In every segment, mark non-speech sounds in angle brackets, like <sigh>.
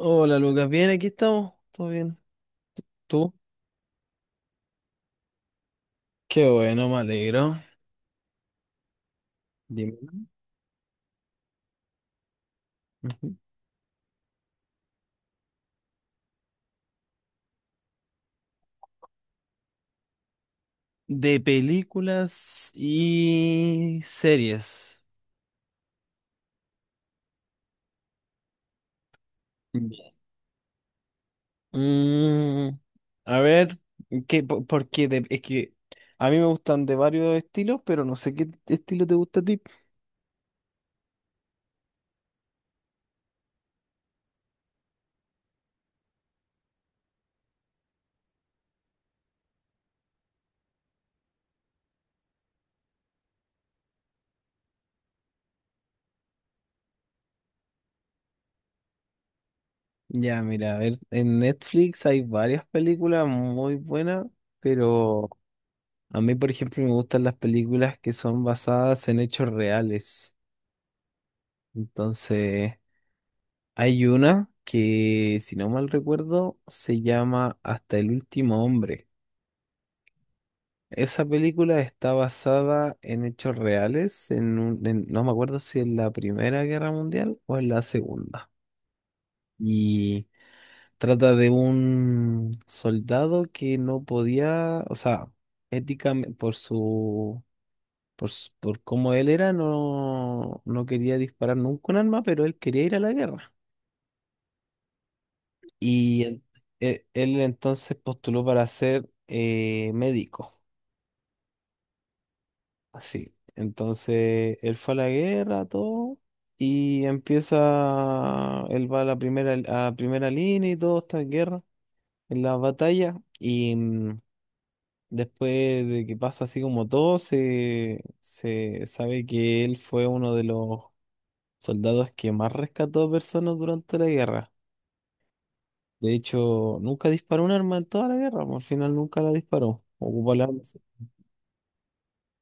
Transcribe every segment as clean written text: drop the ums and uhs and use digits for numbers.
Hola Lucas, bien, aquí estamos, todo bien. ¿Tú? Qué bueno, me alegro. Dime. Ujú. De películas y series. Ya. Mm, a ver, ¿qué, por de- es que a mí me gustan de varios estilos, pero no sé qué estilo te gusta a ti. Ya, mira, a ver, en Netflix hay varias películas muy buenas, pero a mí, por ejemplo, me gustan las películas que son basadas en hechos reales. Entonces. Hay una que, si no mal recuerdo, se llama Hasta el último hombre. Esa película está basada en hechos reales, no me acuerdo si en la Primera Guerra Mundial o en la Segunda. Y trata de un soldado que no podía, o sea, éticamente, por cómo él era, no, no quería disparar nunca un arma, pero él quería ir a la guerra. Y en- Él, entonces postuló para ser médico. Así. Entonces él fue a la guerra, todo. Y empieza, él va a primera línea y todo está en guerra, en la batalla. Y después de que pasa así como todo, se sabe que él fue uno de los soldados que más rescató personas durante la guerra. De hecho, nunca disparó un arma en toda la guerra, po, al final nunca la disparó. Ocupó la arma.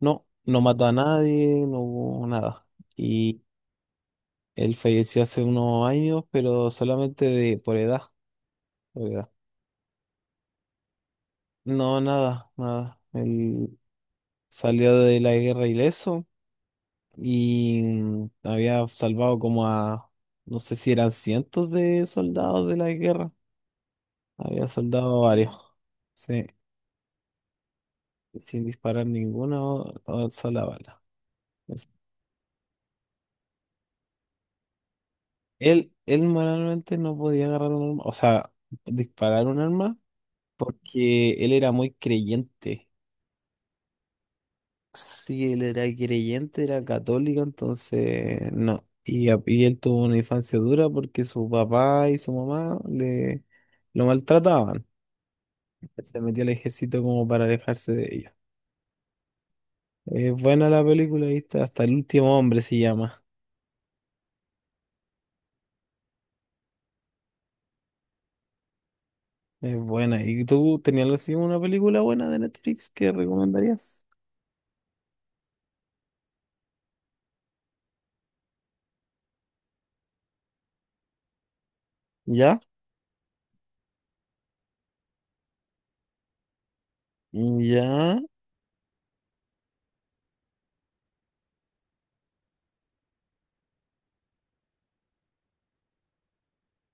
No, no mató a nadie, no hubo nada. Y él falleció hace unos años, pero solamente de por edad, por edad. No, nada, nada. Él salió de la guerra ileso y había salvado como a, no sé si eran cientos de soldados de la guerra. Había soldado varios, sí, sin disparar ninguna o sola bala. Él manualmente no podía agarrar un arma, o sea, disparar un arma, porque él era muy creyente. Sí, él era creyente, era católico, entonces no. Y él tuvo una infancia dura porque su papá y su mamá le lo maltrataban. Se metió al ejército como para alejarse de ellos. Es buena la película, ¿viste? Hasta el último hombre se llama. Es buena. ¿Y tú tenías algo así, una película buena de Netflix que recomendarías? ¿Ya? ¿Ya?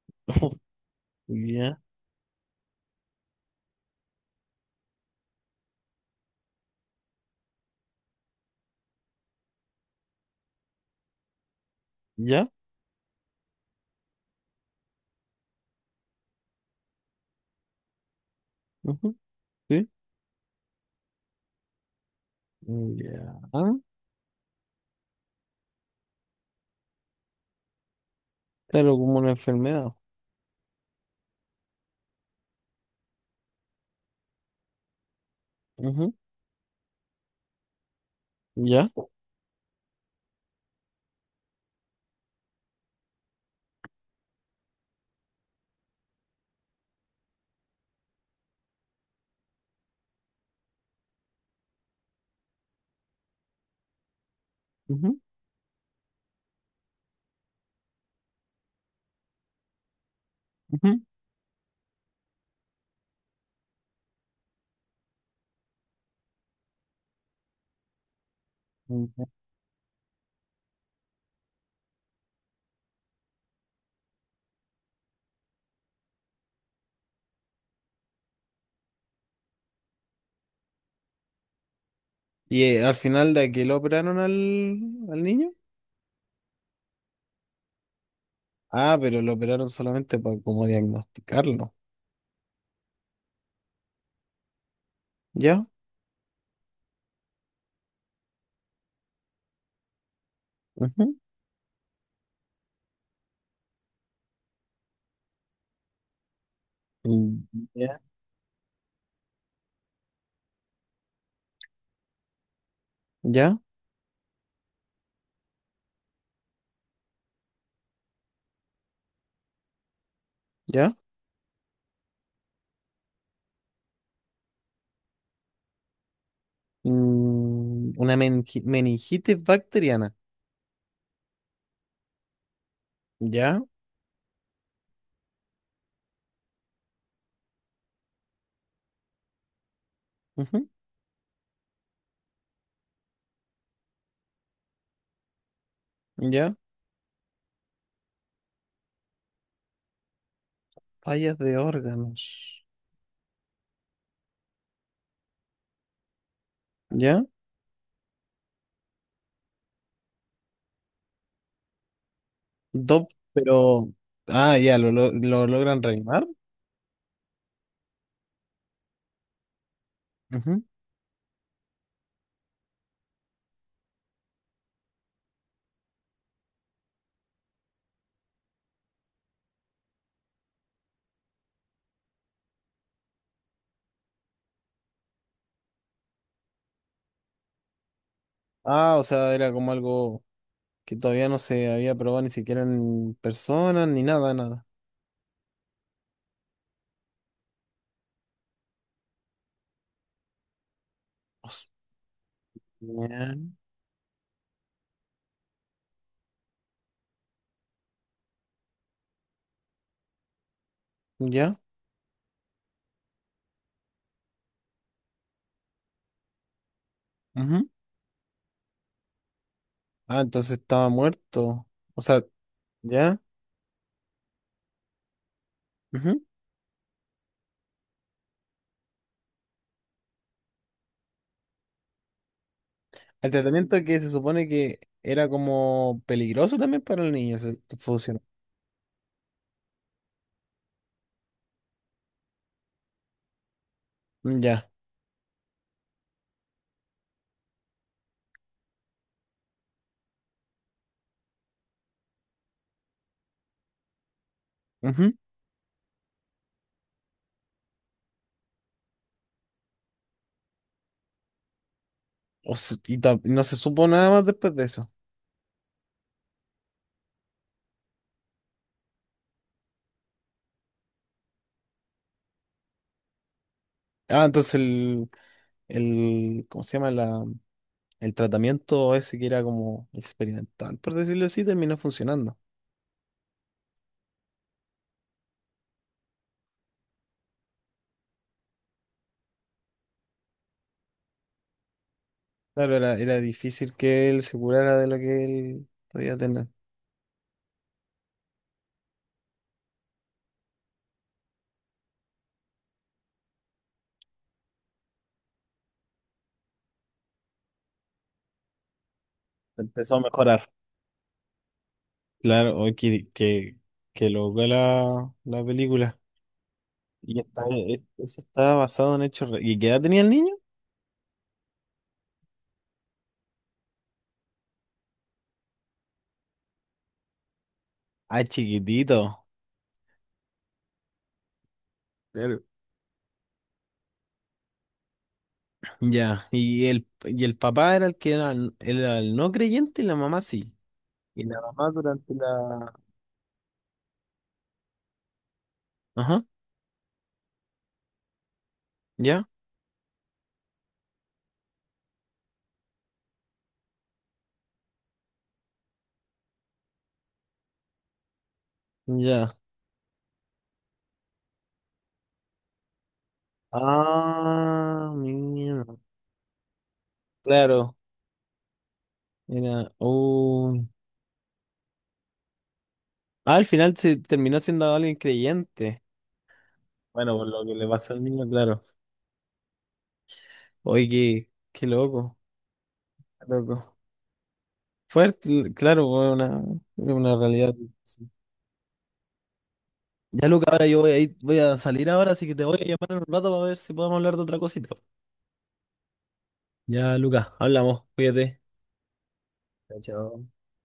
<laughs> Ya, ya, ujú, sí, ya, pero como una enfermedad, ujú, ya, ujú, ujú, ujú. Y al final de aquí lo operaron al niño, ah, pero lo operaron solamente para como diagnosticarlo, ya, ujú, mm, ya, ya, ya. Una meningitis bacteriana, ya, ujú, ya, fallas de órganos, ya, dos, pero, ah, ya, lo logran reanimar. Ah, o sea, era como algo que todavía no se había probado ni siquiera en persona, ni nada, nada. Os- Bien. ¿Ya? Ujú. Ah, entonces estaba muerto. O sea, ¿ya? Ujú. El tratamiento que se supone que era como peligroso también para el niño, se funcionó. Ya. Ujú. O se- y ta- No se supo nada más después de eso. Ah, entonces el, ¿cómo se llama? El tratamiento ese que era como experimental, por decirlo así, terminó funcionando. Claro, era difícil que él se curara de lo que él podía tener. Empezó a mejorar. Claro, hoy que loca la película. Y está, Eso está basado ¿Y qué edad tenía el niño? Ah, chiquitito. Claro. Ya. Y el papá era el que era, era el no creyente y la mamá sí. Y la mamá durante la. Ajá. Ya. Ya. Ah, mira. Claro. Era. Ah, al final se terminó siendo alguien creyente. Bueno, por lo que le pasó al niño, claro. Oye, qué loco, qué loco. Fuerte, claro, fue una, realidad. Sí. Ya, Luca, ahora yo voy a salir ahora, así que te voy a llamar en un rato para ver si podemos hablar de otra cosita. Ya, Luca, hablamos, cuídate. Chao. Chao.